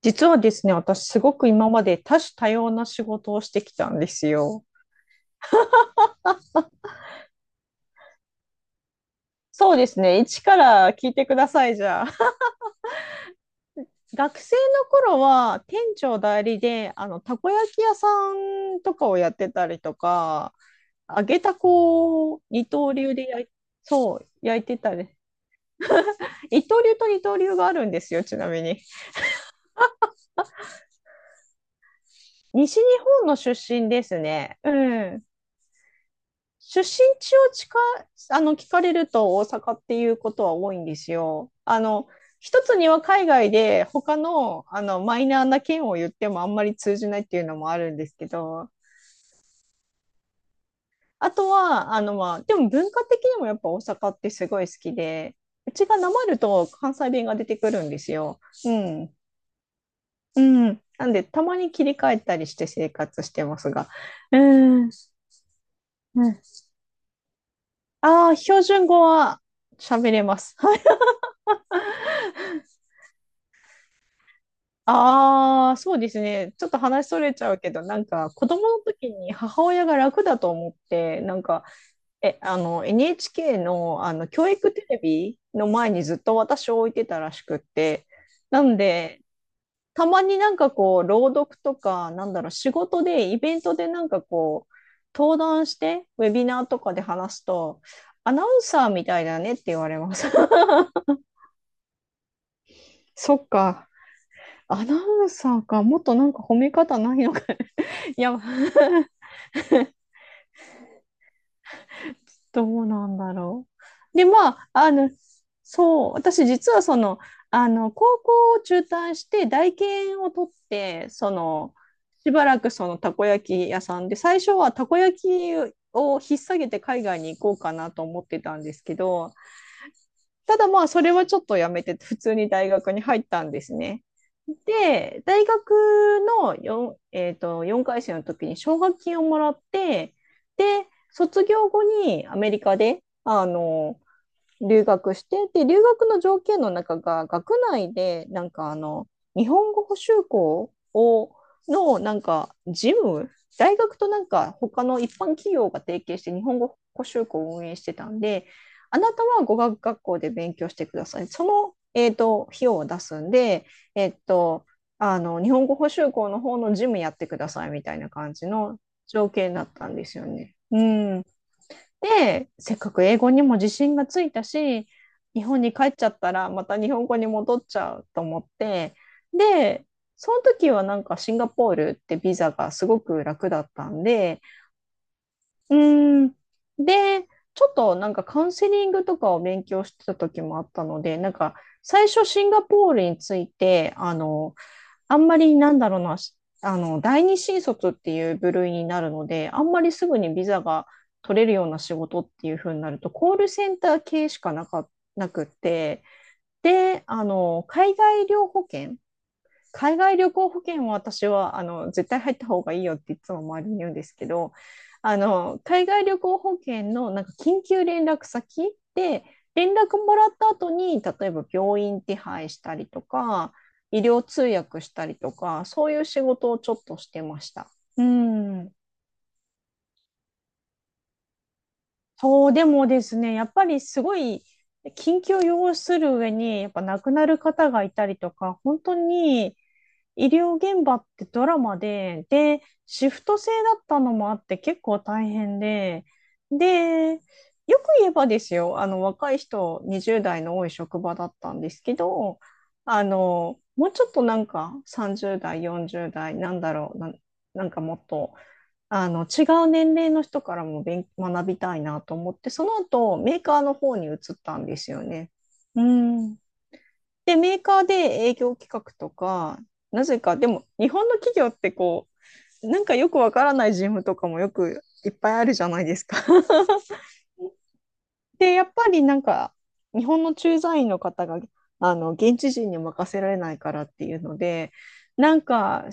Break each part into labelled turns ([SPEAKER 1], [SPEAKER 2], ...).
[SPEAKER 1] 実はですね、私すごく今まで多種多様な仕事をしてきたんですよ。そうですね。一から聞いてください、じゃあ。学生の頃は店長代理で、たこ焼き屋さんとかをやってたりとか、揚げたこを二刀流で焼い、そう、焼いてたり。一刀流と二刀流があるんですよ、ちなみに。西日本の出身ですね。うん。出身地を近あの、聞かれると大阪っていうことは多いんですよ。一つには海外で他の、マイナーな県を言ってもあんまり通じないっていうのもあるんですけど、あとは、でも文化的にもやっぱ大阪ってすごい好きで、うちがなまると関西弁が出てくるんですよ。うん。うん。なんで、たまに切り替えたりして生活してますが。うん。うん、ああ、標準語は喋れます。ああ、そうですね。ちょっと話それちゃうけど、子供の時に母親が楽だと思って、なんか、え、あの、NHK の、教育テレビの前にずっと私を置いてたらしくって、なんで、たまに朗読とか、仕事で、イベントで登壇して、ウェビナーとかで話すと、アナウンサーみたいだねって言われます。そっか、アナウンサーか、もっとなんか褒め方ないのかね。いや、どうなんだろう。で、私実はその、高校を中退して大研を取って、その、しばらくそのたこ焼き屋さんで、最初はたこ焼きを引っ提げて海外に行こうかなと思ってたんですけど、ただまあ、それはちょっとやめて、普通に大学に入ったんですね。で、大学の 4,、えーと、4回生の時に奨学金をもらって、で、卒業後にアメリカで、留学して、で、留学の条件の中が、学内で、日本語補習校を、の、なんか、事務、大学となんか、他の一般企業が提携して、日本語補習校を運営してたんで、あなたは語学学校で勉強してください。その、えっと、費用を出すんで、えっと、日本語補習校の方の事務やってくださいみたいな感じの条件だったんですよね。うん。で、せっかく英語にも自信がついたし、日本に帰っちゃったらまた日本語に戻っちゃうと思って、で、その時はなんかシンガポールってビザがすごく楽だったんで、うーん、で、ちょっとなんかカウンセリングとかを勉強してた時もあったので、なんか最初シンガポールについて、あんまりなんだろうな、しあの、第二新卒っていう部類になるので、あんまりすぐにビザが取れるような仕事っていう風になると、コールセンター系しかなか、なくって、で、海外旅行保険は私はあの絶対入った方がいいよっていつも周りに言うんですけど、あの海外旅行保険のなんか緊急連絡先で連絡もらった後に例えば病院手配したりとか医療通訳したりとかそういう仕事をちょっとしてました。うん。そうでもですねやっぱりすごい緊急を要する上にやっぱ亡くなる方がいたりとか本当に医療現場ってドラマで、で、シフト制だったのもあって結構大変で、で、よく言えばですよ、あの、若い人、20代の多い職場だったんですけど、あの、もうちょっとなんか30代、40代、なんだろう、なん、なんかもっと、あの、違う年齢の人からも学びたいなと思って、その後、メーカーの方に移ったんですよね。うん。で、メーカーで営業企画とか、なぜか、でも日本の企業ってよくわからないジムとかもよくいっぱいあるじゃないですか。で、やっぱりなんか、日本の駐在員の方が、現地人に任せられないからっていうので、なんか、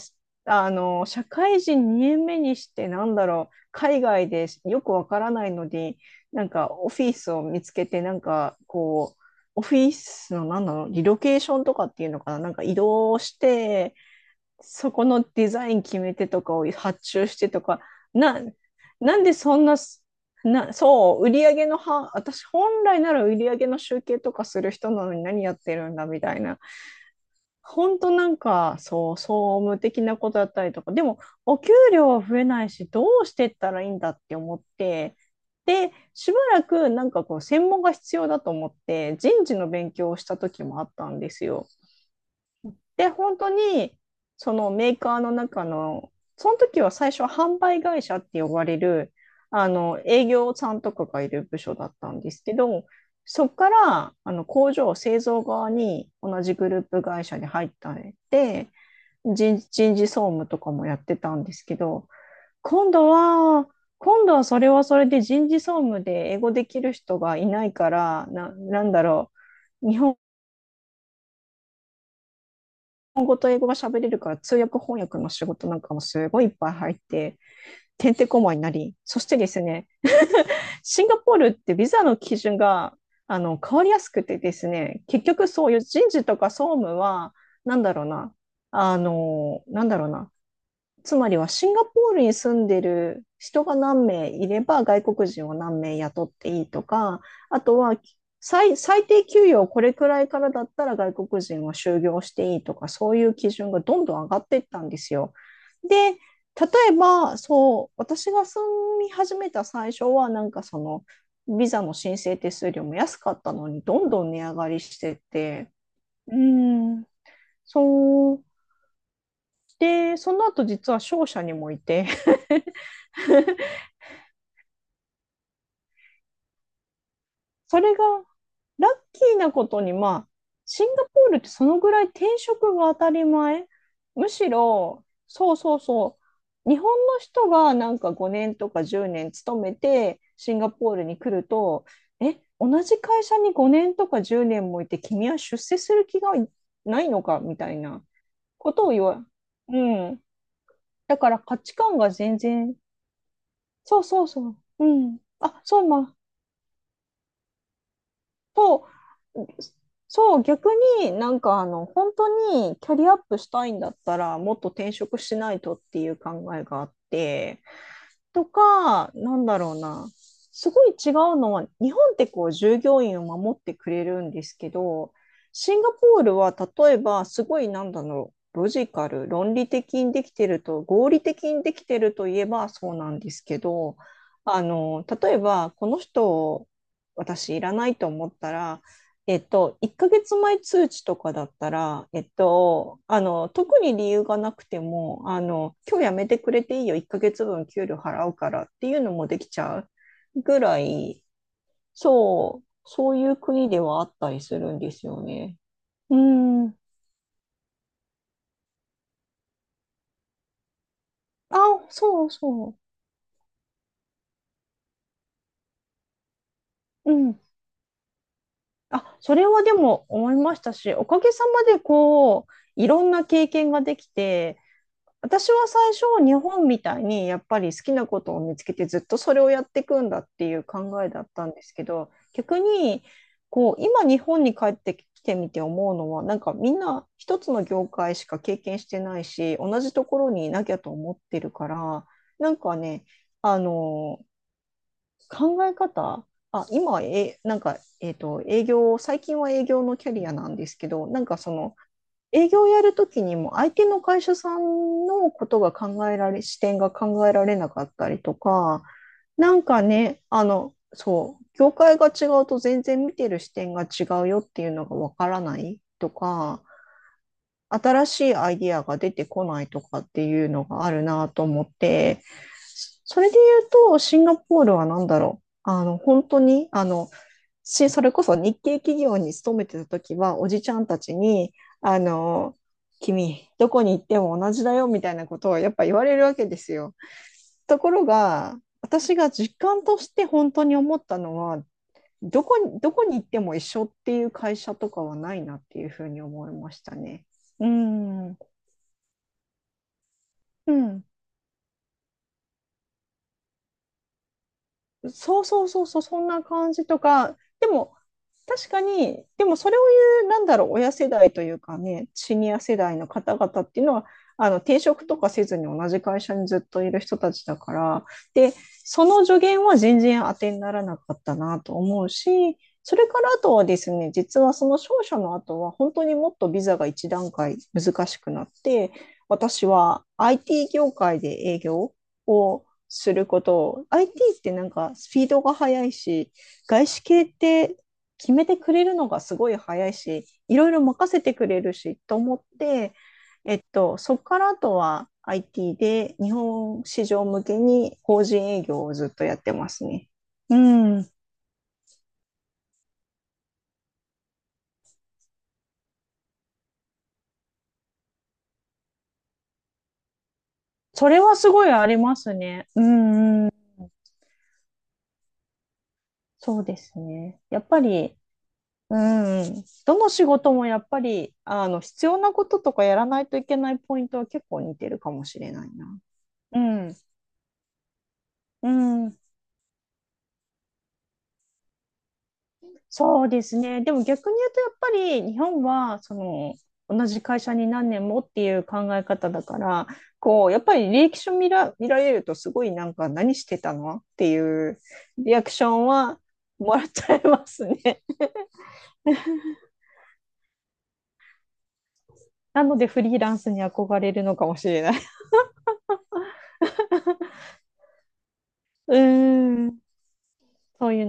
[SPEAKER 1] 社会人2年目にして、なんだろう、海外でよくわからないのに、オフィスを見つけて、オフィスの、なんだろう、リロケーションとかっていうのかな、なんか移動して、そこのデザイン決めてとかを発注してとか、な、なんでそんな、な、そう、売り上げのは、私本来なら売り上げの集計とかする人なのに何やってるんだみたいな。本当なんか、そう、総務的なことだったりとか、でも、お給料は増えないし、どうしてったらいいんだって思って、で、しばらく専門が必要だと思って、人事の勉強をした時もあったんですよ。で、本当に、そのメーカーの中の、その時は最初は販売会社って呼ばれる、営業さんとかがいる部署だったんですけど、そこから、工場製造側に同じグループ会社に入ったりで、人事総務とかもやってたんですけど、今度は、今度はそれはそれで人事総務で英語できる人がいないから、う。日本本語と英語が喋れるから通訳翻訳の仕事なんかもすごいいっぱい入って、てんてこまいになり、そしてですね シンガポールってビザの基準があの変わりやすくてですね、結局そういう人事とか総務は、なんだろうな、あの、なんだろうな、つまりはシンガポールに住んでる人が何名いれば外国人を何名雇っていいとか、あとは最低給与をこれくらいからだったら外国人は就業していいとか、そういう基準がどんどん上がっていったんですよ。で、例えば、そう、私が住み始めた最初は、なんかその、ビザの申請手数料も安かったのに、どんどん値上がりしてて、うん。そう、で、その後実は商社にもいて、それがラッキーなことに、まあ、シンガポールってそのぐらい転職が当たり前。むしろ、そうそうそう。日本の人がなんか5年とか10年勤めてシンガポールに来ると、え、同じ会社に5年とか10年もいて君は出世する気がないのかみたいなことをうん。だから価値観が全然、そうそうそう。うん。あ、そうまあ、と、そう、逆になんかあの、本当にキャリアアップしたいんだったら、もっと転職しないとっていう考えがあって、とか、なんだろうな、すごい違うのは、日本ってこう、従業員を守ってくれるんですけど、シンガポールは例えば、すごいなんだろう、ロジカル、論理的にできてると、合理的にできてるといえばそうなんですけど、例えば、この人、私いらないと思ったら、1ヶ月前通知とかだったら、特に理由がなくても、今日やめてくれていいよ、1ヶ月分給料払うからっていうのもできちゃうぐらい、そう、そういう国ではあったりするんですよね。うん。あ、そうそう。うん。あ、それはでも思いましたし、おかげさまでこう、いろんな経験ができて、私は最初、日本みたいにやっぱり好きなことを見つけてずっとそれをやっていくんだっていう考えだったんですけど、逆にこう今日本に帰ってきてみて思うのは、なんかみんな一つの業界しか経験してないし、同じところにいなきゃと思ってるから、なんかね、あの考え方、あ、今、え、なんか、えっと、営業、最近は営業のキャリアなんですけど、営業をやるときにも相手の会社さんのことが考えられ、視点が考えられなかったりとか、業界が違うと全然見てる視点が違うよっていうのがわからないとか、新しいアイディアが出てこないとかっていうのがあるなと思って、それで言うと、シンガポールはなんだろう。あの、本当に、あの、し、それこそ日系企業に勤めてた時は、おじちゃんたちに、あの、君、どこに行っても同じだよみたいなことをやっぱ言われるわけですよ。ところが、私が実感として本当に思ったのは、どこに行っても一緒っていう会社とかはないなっていうふうに思いましたね。うん。うん。そうそうそうそう、そんな感じとか、でも、確かに、でもそれを言う、なんだろう、親世代というかね、シニア世代の方々っていうのは、あの転職とかせずに同じ会社にずっといる人たちだから、で、その助言は全然当てにならなかったなと思うし、それからあとはですね、実はその商社の後は、本当にもっとビザが一段階難しくなって、私は IT 業界で営業をすることを、IT ってなんかスピードが速いし、外資系って決めてくれるのがすごい早いし、いろいろ任せてくれるしと思って、そこからあとは IT で日本市場向けに法人営業をずっとやってますね。うん。それはすごいありますね。うんうん。そうですね。やっぱり、うんうん。どの仕事もやっぱり、必要なこととかやらないといけないポイントは結構似てるかもしれないな。うん。うん。そうですね。でも逆に言うと、やっぱり日本は、その、同じ会社に何年もっていう考え方だから、こう、やっぱり履歴書見ら、見られると、すごいなんか、何してたのっていうリアクションはもらっちゃいますね。なので、フリーランスに憧れるのかもしれない。うーん。そういう